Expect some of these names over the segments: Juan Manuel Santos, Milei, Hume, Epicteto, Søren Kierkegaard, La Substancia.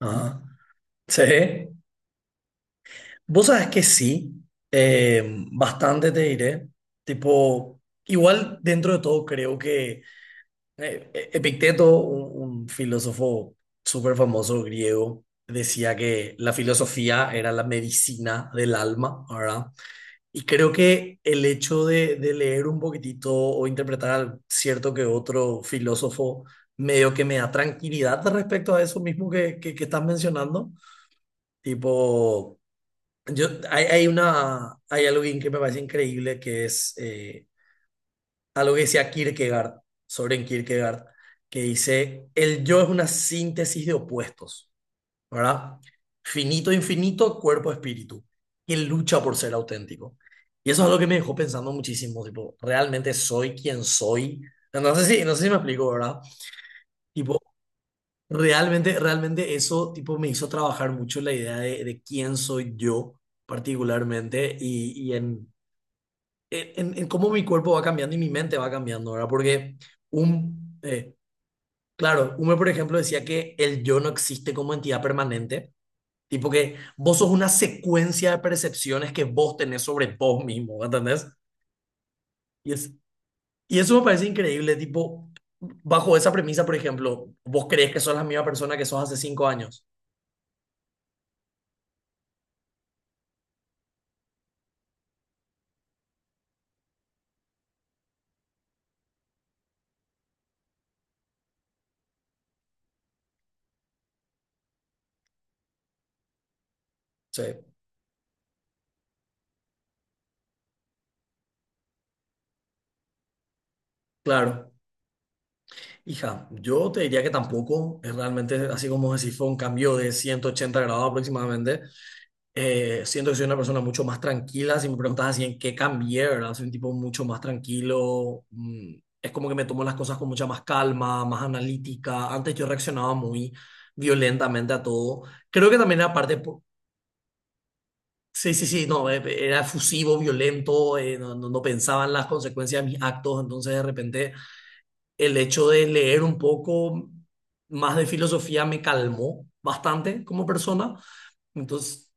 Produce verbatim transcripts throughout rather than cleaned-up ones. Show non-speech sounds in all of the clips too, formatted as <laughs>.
Ajá. Sí. Vos sabés que sí, eh, bastante te diré. Tipo, igual dentro de todo creo que eh, E- Epicteto, un, un filósofo súper famoso griego, decía que la filosofía era la medicina del alma, ¿verdad? Y creo que el hecho de, de leer un poquitito o interpretar al cierto que otro filósofo medio que me da tranquilidad respecto a eso mismo que, que, que estás mencionando, tipo... Yo, hay, hay una, hay algo que me parece increíble que es eh, algo que decía Kierkegaard, Soren Kierkegaard, que dice, el yo es una síntesis de opuestos, ¿verdad? Finito, infinito, cuerpo, espíritu, que lucha por ser auténtico. Y eso es algo que me dejó pensando muchísimo, tipo, ¿realmente soy quien soy? No sé si, no sé si me explico, ¿verdad? Tipo, realmente, realmente eso, tipo, me hizo trabajar mucho la idea de, de quién soy yo particularmente y, y en en, en cómo mi cuerpo va cambiando y mi mente va cambiando, ¿verdad? Porque un, eh, claro, Hume, por ejemplo, decía que el yo no existe como entidad permanente, tipo que vos sos una secuencia de percepciones que vos tenés sobre vos mismo, ¿entendés? Y, es, y eso me parece increíble, tipo, bajo esa premisa, por ejemplo, vos crees que sos la misma persona que sos hace cinco años. Sí, claro. Hija, yo te diría que tampoco, es realmente así como decir, fue un cambio de ciento ochenta grados aproximadamente. Eh, siento que soy una persona mucho más tranquila. Si me preguntas así en qué cambié, ¿verdad? Soy un tipo mucho más tranquilo. mm, Es como que me tomo las cosas con mucha más calma, más analítica. Antes yo reaccionaba muy violentamente a todo. Creo que también era parte... po- Sí, sí, sí, no, eh, era efusivo, violento, eh, no, no, no pensaba en las consecuencias de mis actos. Entonces, de repente, el hecho de leer un poco más de filosofía me calmó bastante como persona. Entonces,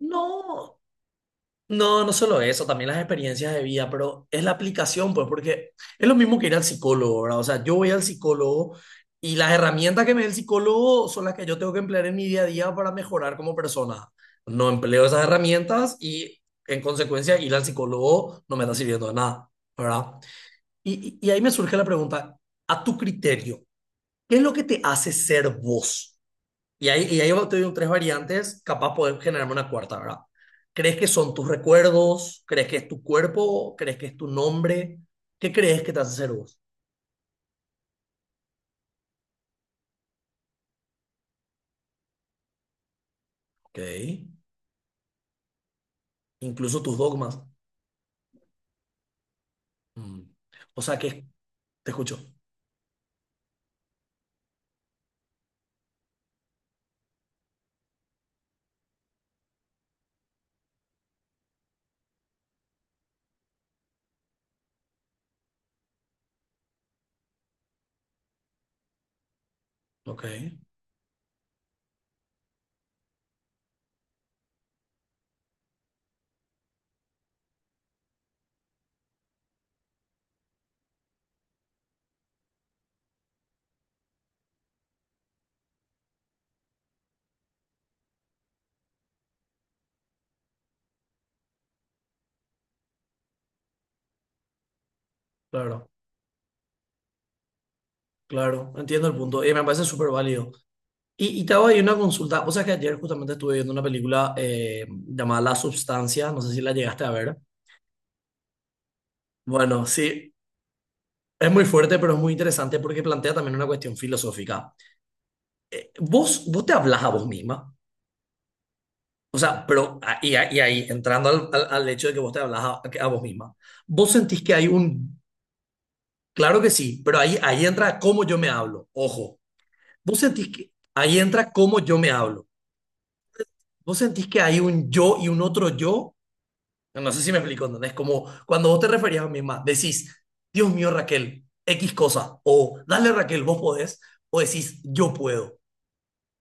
no. No, no solo eso, también las experiencias de vida, pero es la aplicación, pues, porque es lo mismo que ir al psicólogo, ¿verdad? O sea, yo voy al psicólogo y las herramientas que me da el psicólogo son las que yo tengo que emplear en mi día a día para mejorar como persona. No empleo esas herramientas y, en consecuencia, ir al psicólogo no me está sirviendo de nada, ¿verdad? Y, y y ahí me surge la pregunta, a tu criterio, ¿qué es lo que te hace ser vos? Y ahí, y ahí te digo tres variantes, capaz podés generarme una cuarta, ¿verdad? ¿Crees que son tus recuerdos? ¿Crees que es tu cuerpo? ¿Crees que es tu nombre? ¿Qué crees que te hace ser vos? Ok. Incluso tus dogmas. Mm. O sea que te escucho. Ok. Claro, claro. Entiendo el punto. Y me parece súper válido. Y, y te hago ahí una consulta. O sea que ayer justamente estuve viendo una película eh, llamada La Substancia. No sé si la llegaste a ver. Bueno, sí. Es muy fuerte, pero es muy interesante porque plantea también una cuestión filosófica. eh, vos, vos te hablas a vos misma, o sea, pero a- y, a- y ahí, entrando al, al- al hecho de que vos te hablas a, a vos misma, vos sentís que hay un, claro que sí, pero ahí, ahí entra cómo yo me hablo, ojo, vos sentís que, ahí entra cómo yo me hablo, vos sentís que hay un yo y un otro yo, no sé si me explico, ¿entendés? Como cuando vos te referías a vos misma, decís, Dios mío, Raquel, X cosa, o dale Raquel, vos podés, o decís, yo puedo.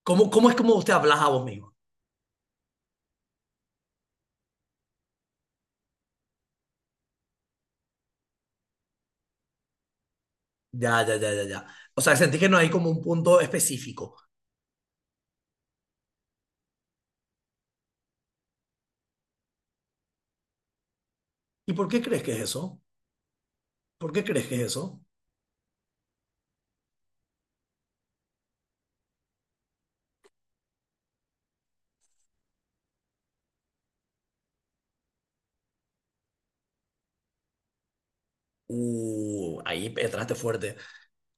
¿Cómo, ¿cómo es como vos te hablas a vos misma? Ya, ya, ya, ya, ya. O sea, sentí que no hay como un punto específico. ¿Y por qué crees que es eso? ¿Por qué crees que es eso? Uh, ahí entraste fuerte.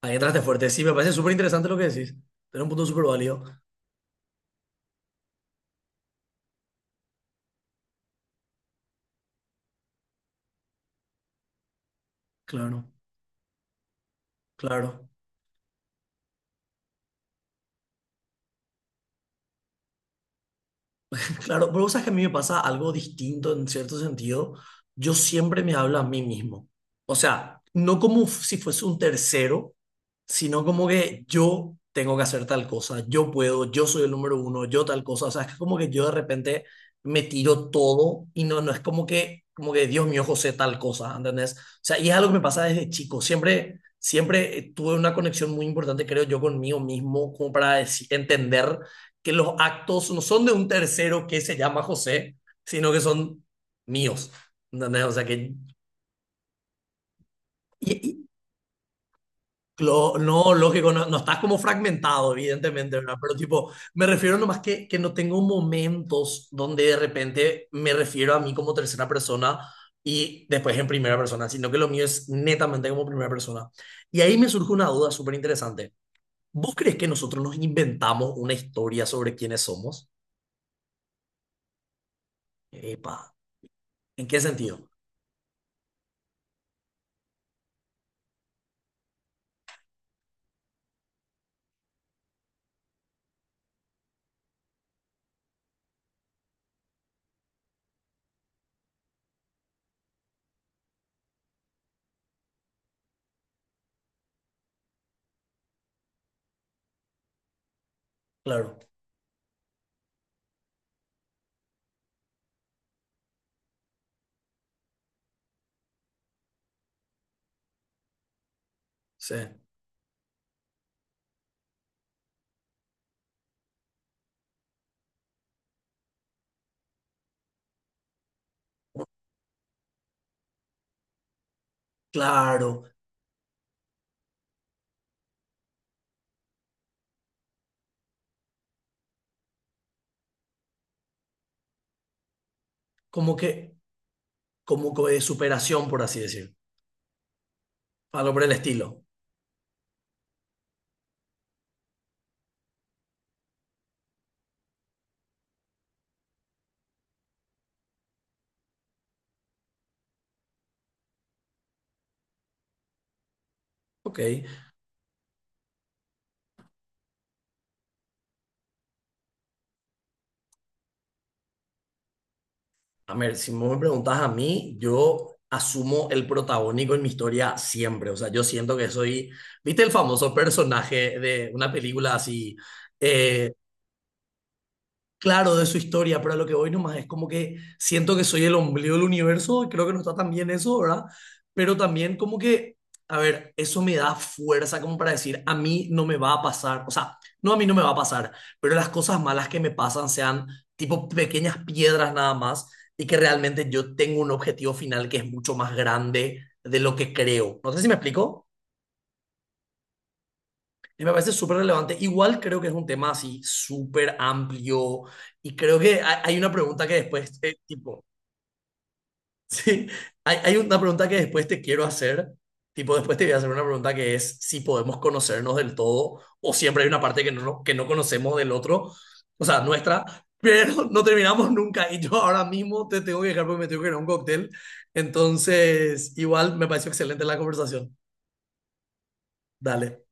Ahí entraste fuerte. Sí, me parece súper interesante lo que decís. Era un punto súper válido. Claro, claro. Claro, pero vos sabes que a mí me pasa algo distinto en cierto sentido. Yo siempre me hablo a mí mismo. O sea, no como si fuese un tercero, sino como que yo tengo que hacer tal cosa, yo puedo, yo soy el número uno, yo tal cosa. O sea, es como que yo de repente me tiro todo y no, no es como que, como que Dios mío, José, tal cosa, ¿entendés? O sea, y es algo que me pasa desde chico. Siempre, siempre eh, tuve una conexión muy importante, creo yo, conmigo mismo, como para deci- entender que los actos no son de un tercero que se llama José, sino que son míos. ¿Entendés? O sea que... y- y lo- no, lógico, no, no estás como fragmentado, evidentemente, ¿verdad? Pero tipo, me refiero nomás que, que no tengo momentos donde de repente me refiero a mí como tercera persona y después en primera persona, sino que lo mío es netamente como primera persona. Y ahí me surge una duda súper interesante. ¿Vos crees que nosotros nos inventamos una historia sobre quiénes somos? Epa, ¿en qué sentido? Claro. Sí, claro, como que, como que de superación, por así decir, algo por el estilo. Ok, a ver, si vos me preguntas a mí, yo asumo el protagónico en mi historia siempre, o sea, yo siento que soy, ¿viste el famoso personaje de una película así? eh, claro de su historia, pero a lo que voy nomás es como que siento que soy el ombligo del universo, y creo que no está tan bien eso, ¿verdad? Pero también como que, a ver, eso me da fuerza como para decir, a mí no me va a pasar, o sea, no a mí no me va a pasar, pero las cosas malas que me pasan sean tipo pequeñas piedras nada más y que realmente yo tengo un objetivo final que es mucho más grande de lo que creo. No sé si me explico. Y me parece súper relevante. Igual creo que es un tema así súper amplio y creo que hay, hay una pregunta que después, eh, tipo, <laughs> sí, hay, hay una pregunta que después te quiero hacer, tipo, después te voy a hacer una pregunta que es si podemos conocernos del todo o siempre hay una parte que no, no- que no conocemos del otro, o sea, nuestra, pero <laughs> no terminamos nunca y yo ahora mismo te tengo que dejar porque me tengo que ir a un cóctel. Entonces, igual me pareció excelente la conversación. Dale.